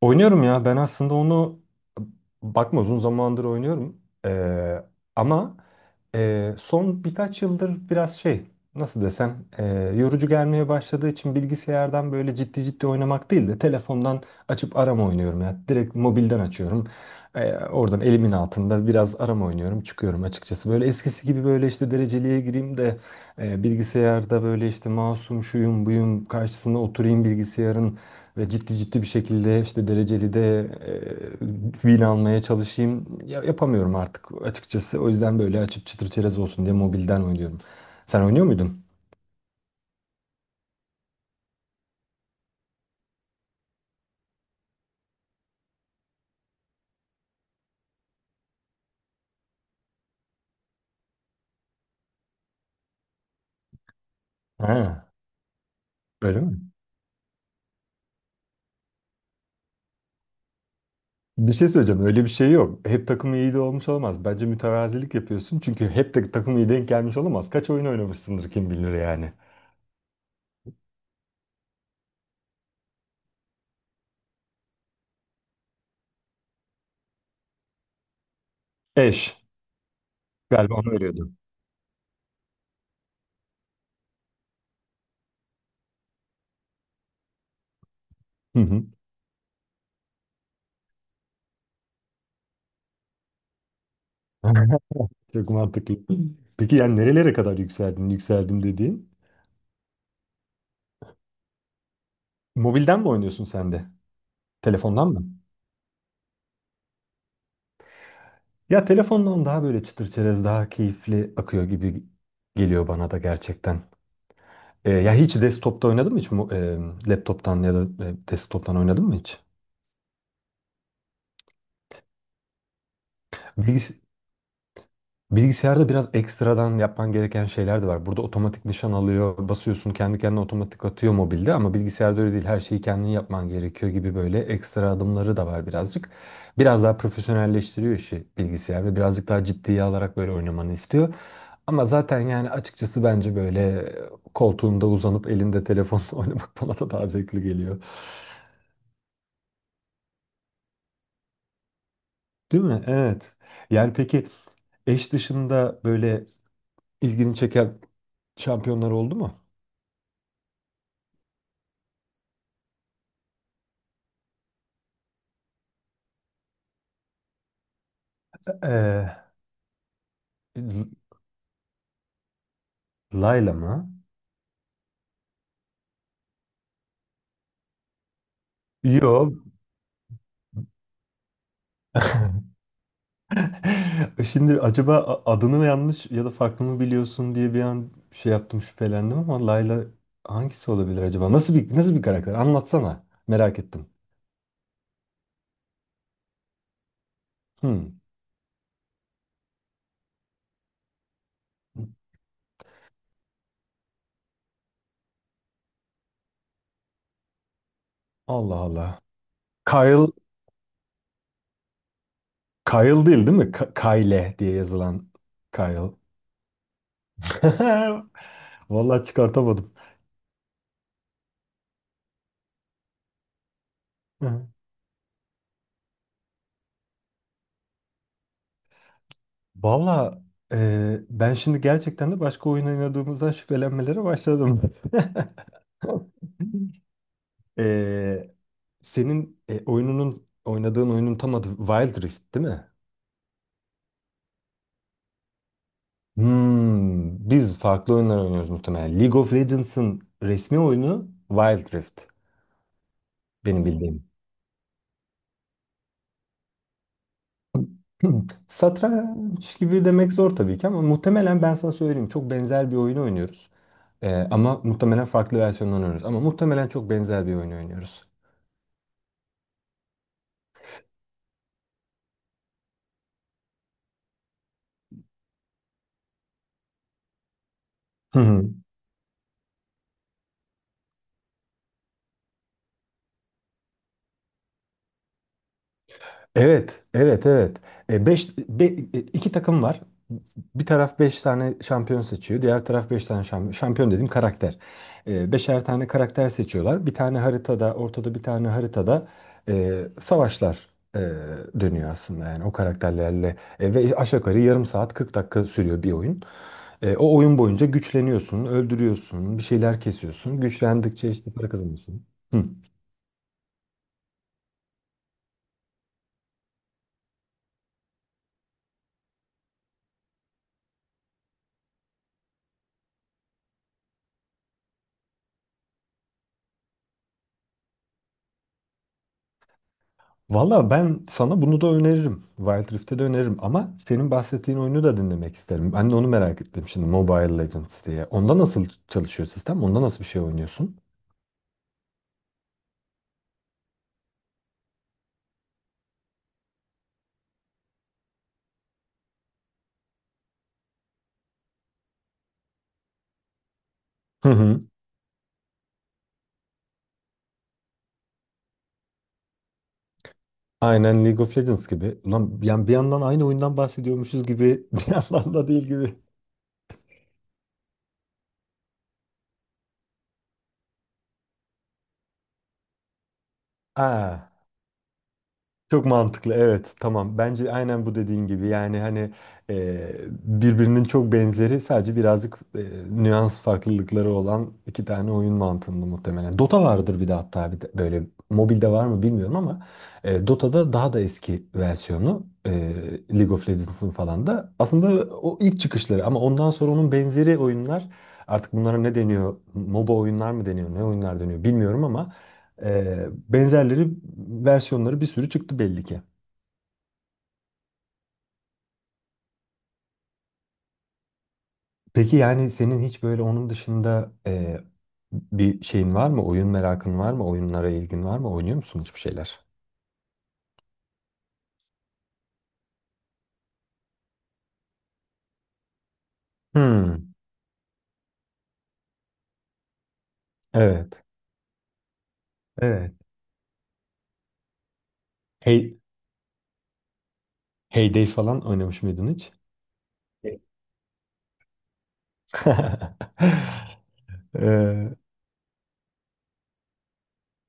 Oynuyorum ya. Ben aslında onu bakma uzun zamandır oynuyorum. Ee, ama son birkaç yıldır biraz şey nasıl desem yorucu gelmeye başladığı için bilgisayardan böyle ciddi ciddi oynamak değil de telefondan açıp arama oynuyorum ya. Direkt mobilden açıyorum. Oradan elimin altında biraz arama oynuyorum. Çıkıyorum açıkçası. Böyle eskisi gibi böyle işte dereceliğe gireyim de bilgisayarda böyle işte mouse'um şuyum buyum karşısına oturayım bilgisayarın ve ciddi ciddi bir şekilde işte dereceli de vin almaya çalışayım. Ya, yapamıyorum artık açıkçası. O yüzden böyle açıp çıtır çerez olsun diye mobilden oynuyorum. Sen oynuyor muydun? Ha, öyle mi? Bir şey söyleyeceğim. Öyle bir şey yok. Hep takım iyi de olmuş olamaz. Bence mütevazilik yapıyorsun. Çünkü hep de takım iyi denk gelmiş olamaz. Kaç oyun oynamışsındır kim bilir yani. Eş. Galiba onu veriyordun. Hı hı. Çok mantıklı. Peki yani nerelere kadar yükseldin? Yükseldim dediğin. Mobilden mi oynuyorsun sen de? Telefondan mı? Ya telefondan daha böyle çıtır çerez daha keyifli akıyor gibi geliyor bana da gerçekten. Ya hiç desktop'ta oynadın mı hiç? Laptop'tan ya da desktop'tan oynadın mı hiç? Bilgis Bilgisayarda biraz ekstradan yapman gereken şeyler de var. Burada otomatik nişan alıyor, basıyorsun kendi kendine otomatik atıyor mobilde ama bilgisayarda öyle değil. Her şeyi kendin yapman gerekiyor gibi böyle ekstra adımları da var birazcık. Biraz daha profesyonelleştiriyor işi bilgisayar ve birazcık daha ciddiye alarak böyle oynamanı istiyor. Ama zaten yani açıkçası bence böyle koltuğunda uzanıp elinde telefonla oynamak bana da daha zevkli geliyor. Değil mi? Evet. Yani peki eş dışında böyle ilgini çeken şampiyonlar oldu mu? Ee, L- Layla mı? Yo. Şimdi acaba adını mı yanlış ya da farklı mı biliyorsun diye bir an şey yaptım şüphelendim ama Layla hangisi olabilir acaba? Nasıl bir karakter? Anlatsana. Merak ettim. Hmm. Allah Allah. Kyle Kyle değil mi? Kyle diye yazılan Kyle. Vallahi çıkartamadım. Hı. Vallahi ben şimdi gerçekten de başka oyun oynadığımızdan şüphelenmelere başladım. Ee, senin oynadığın oyunun tam adı Wild Rift değil mi? Hmm, biz farklı oyunlar oynuyoruz muhtemelen. League of Legends'ın resmi oyunu Wild Rift benim bildiğim. Hmm, satranç gibi demek zor tabii ki ama muhtemelen ben sana söyleyeyim çok benzer bir oyunu oynuyoruz. Ama muhtemelen farklı versiyonlarını oynuyoruz. Ama muhtemelen çok benzer bir oyunu oynuyoruz. Evet, evet, evet. E, beş, be- e, iki takım var. Bir taraf beş tane şampiyon seçiyor. Diğer taraf beş tane şampiyon. Şampiyon dediğim karakter. Beşer tane karakter seçiyorlar. Ortada bir tane haritada savaşlar e, dönüyor aslında. Yani o karakterlerle. Ve aşağı yukarı yarım saat 40 dakika sürüyor bir oyun. O oyun boyunca güçleniyorsun, öldürüyorsun, bir şeyler kesiyorsun. Güçlendikçe işte para kazanıyorsun. Hı. Valla ben sana bunu da öneririm. Wild Rift'e de öneririm ama senin bahsettiğin oyunu da dinlemek isterim. Ben de onu merak ettim şimdi Mobile Legends diye. Onda nasıl çalışıyor sistem? Onda nasıl bir şey oynuyorsun? Hı hı. Aynen League of Legends gibi. Ulan yani bir yandan aynı oyundan bahsediyormuşuz gibi bir yandan da değil gibi. Aa. Çok mantıklı, evet, tamam, bence aynen bu dediğin gibi yani hani e, birbirinin çok benzeri sadece birazcık nüans farklılıkları olan iki tane oyun mantığında muhtemelen. Dota vardır bir de hatta bir de böyle mobilde var mı bilmiyorum ama Dota'da daha da eski versiyonu League of Legends'ın falan da aslında o ilk çıkışları ama ondan sonra onun benzeri oyunlar artık bunlara ne deniyor, MOBA oyunlar mı deniyor ne oyunlar deniyor bilmiyorum ama benzerleri versiyonları bir sürü çıktı belli ki. Peki yani senin hiç böyle onun dışında bir şeyin var mı? Oyun merakın var mı? Oyunlara ilgin var mı? Oynuyor musun hiçbir şeyler? Hmm, evet. Evet. Hey, Heyday falan oynamış mıydın hiç? Ee,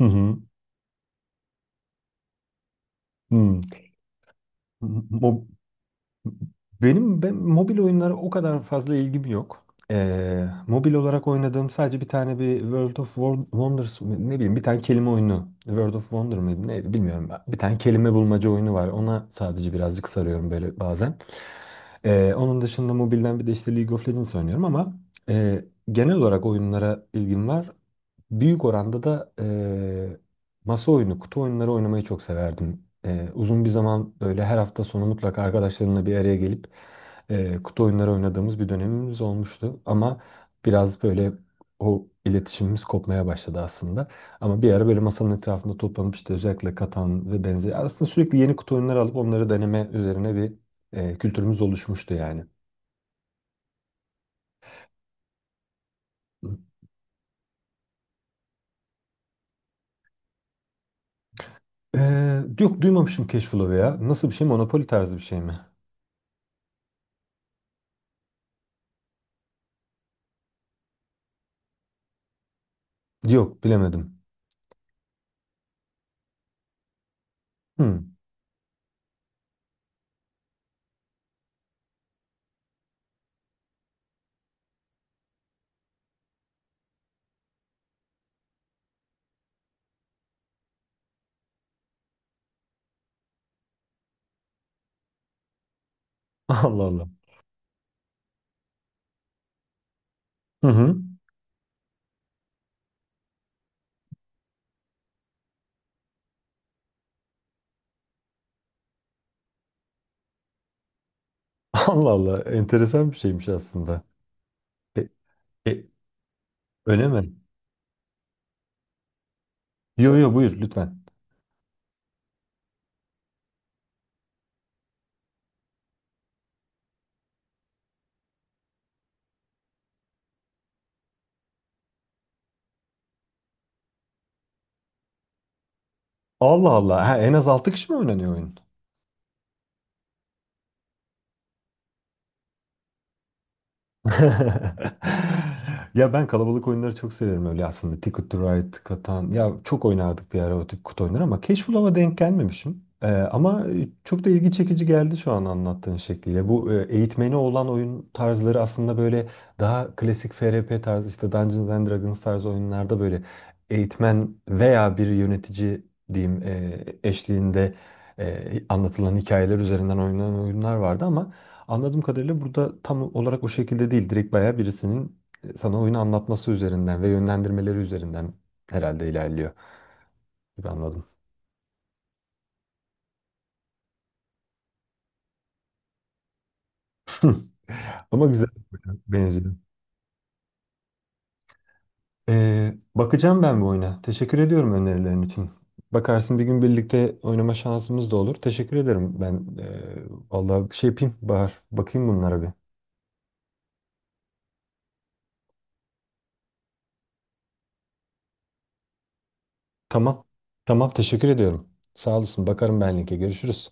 hı hı. Hmm. Mo- ben mobil oyunlara o kadar fazla ilgim yok. Mobil olarak oynadığım sadece bir tane bir World of Wonders ne bileyim bir tane kelime oyunu. World of Wonder mıydı neydi bilmiyorum. Bir tane kelime bulmaca oyunu var. Ona sadece birazcık sarıyorum böyle bazen. Onun dışında mobilden bir de işte League of Legends oynuyorum ama e, genel olarak oyunlara ilgim var. Büyük oranda da masa oyunu, kutu oyunları oynamayı çok severdim. Uzun bir zaman böyle her hafta sonu mutlaka arkadaşlarımla bir araya gelip kutu oyunları oynadığımız bir dönemimiz olmuştu. Ama biraz böyle o iletişimimiz kopmaya başladı aslında. Ama bir ara böyle masanın etrafında toplanıp işte özellikle Katan ve benzeri aslında sürekli yeni kutu oyunları alıp onları deneme üzerine bir kültürümüz oluşmuştu yani. Yok, duymamışım Cash Flow'u ya. Nasıl bir şey? Monopoly tarzı bir şey mi? Yok bilemedim. Hmm. Allah Allah. Hı hı. Allah Allah. Enteresan bir şeymiş aslında. E, e, öyle mi? Yo, yo, buyur lütfen. Allah Allah. Ha, en az 6 kişi mi oynanıyor oyun? Ya ben kalabalık oyunları çok severim öyle aslında. Ticket to Ride, Catan. Ya çok oynardık bir ara o tip kutu oyunları ama Cashflow'a denk gelmemişim. Ama çok da ilgi çekici geldi şu an anlattığın şekliyle. Bu eğitmeni olan oyun tarzları aslında böyle daha klasik FRP tarzı işte Dungeons and Dragons tarzı oyunlarda böyle eğitmen veya bir yönetici diyeyim eşliğinde anlatılan hikayeler üzerinden oynanan oyunlar vardı ama anladığım kadarıyla burada tam olarak o şekilde değil. Direkt bayağı birisinin sana oyunu anlatması üzerinden ve yönlendirmeleri üzerinden herhalde ilerliyor gibi anladım. Ama güzel bir oyuna benziyor. Bakacağım ben bu oyuna. Teşekkür ediyorum önerilerin için. Bakarsın bir gün birlikte oynama şansımız da olur. Teşekkür ederim ben. Vallahi bir şey yapayım Bahar. Bakayım bunlara bir. Tamam. Tamam, teşekkür ediyorum. Sağ olasın. Bakarım ben linke. Görüşürüz.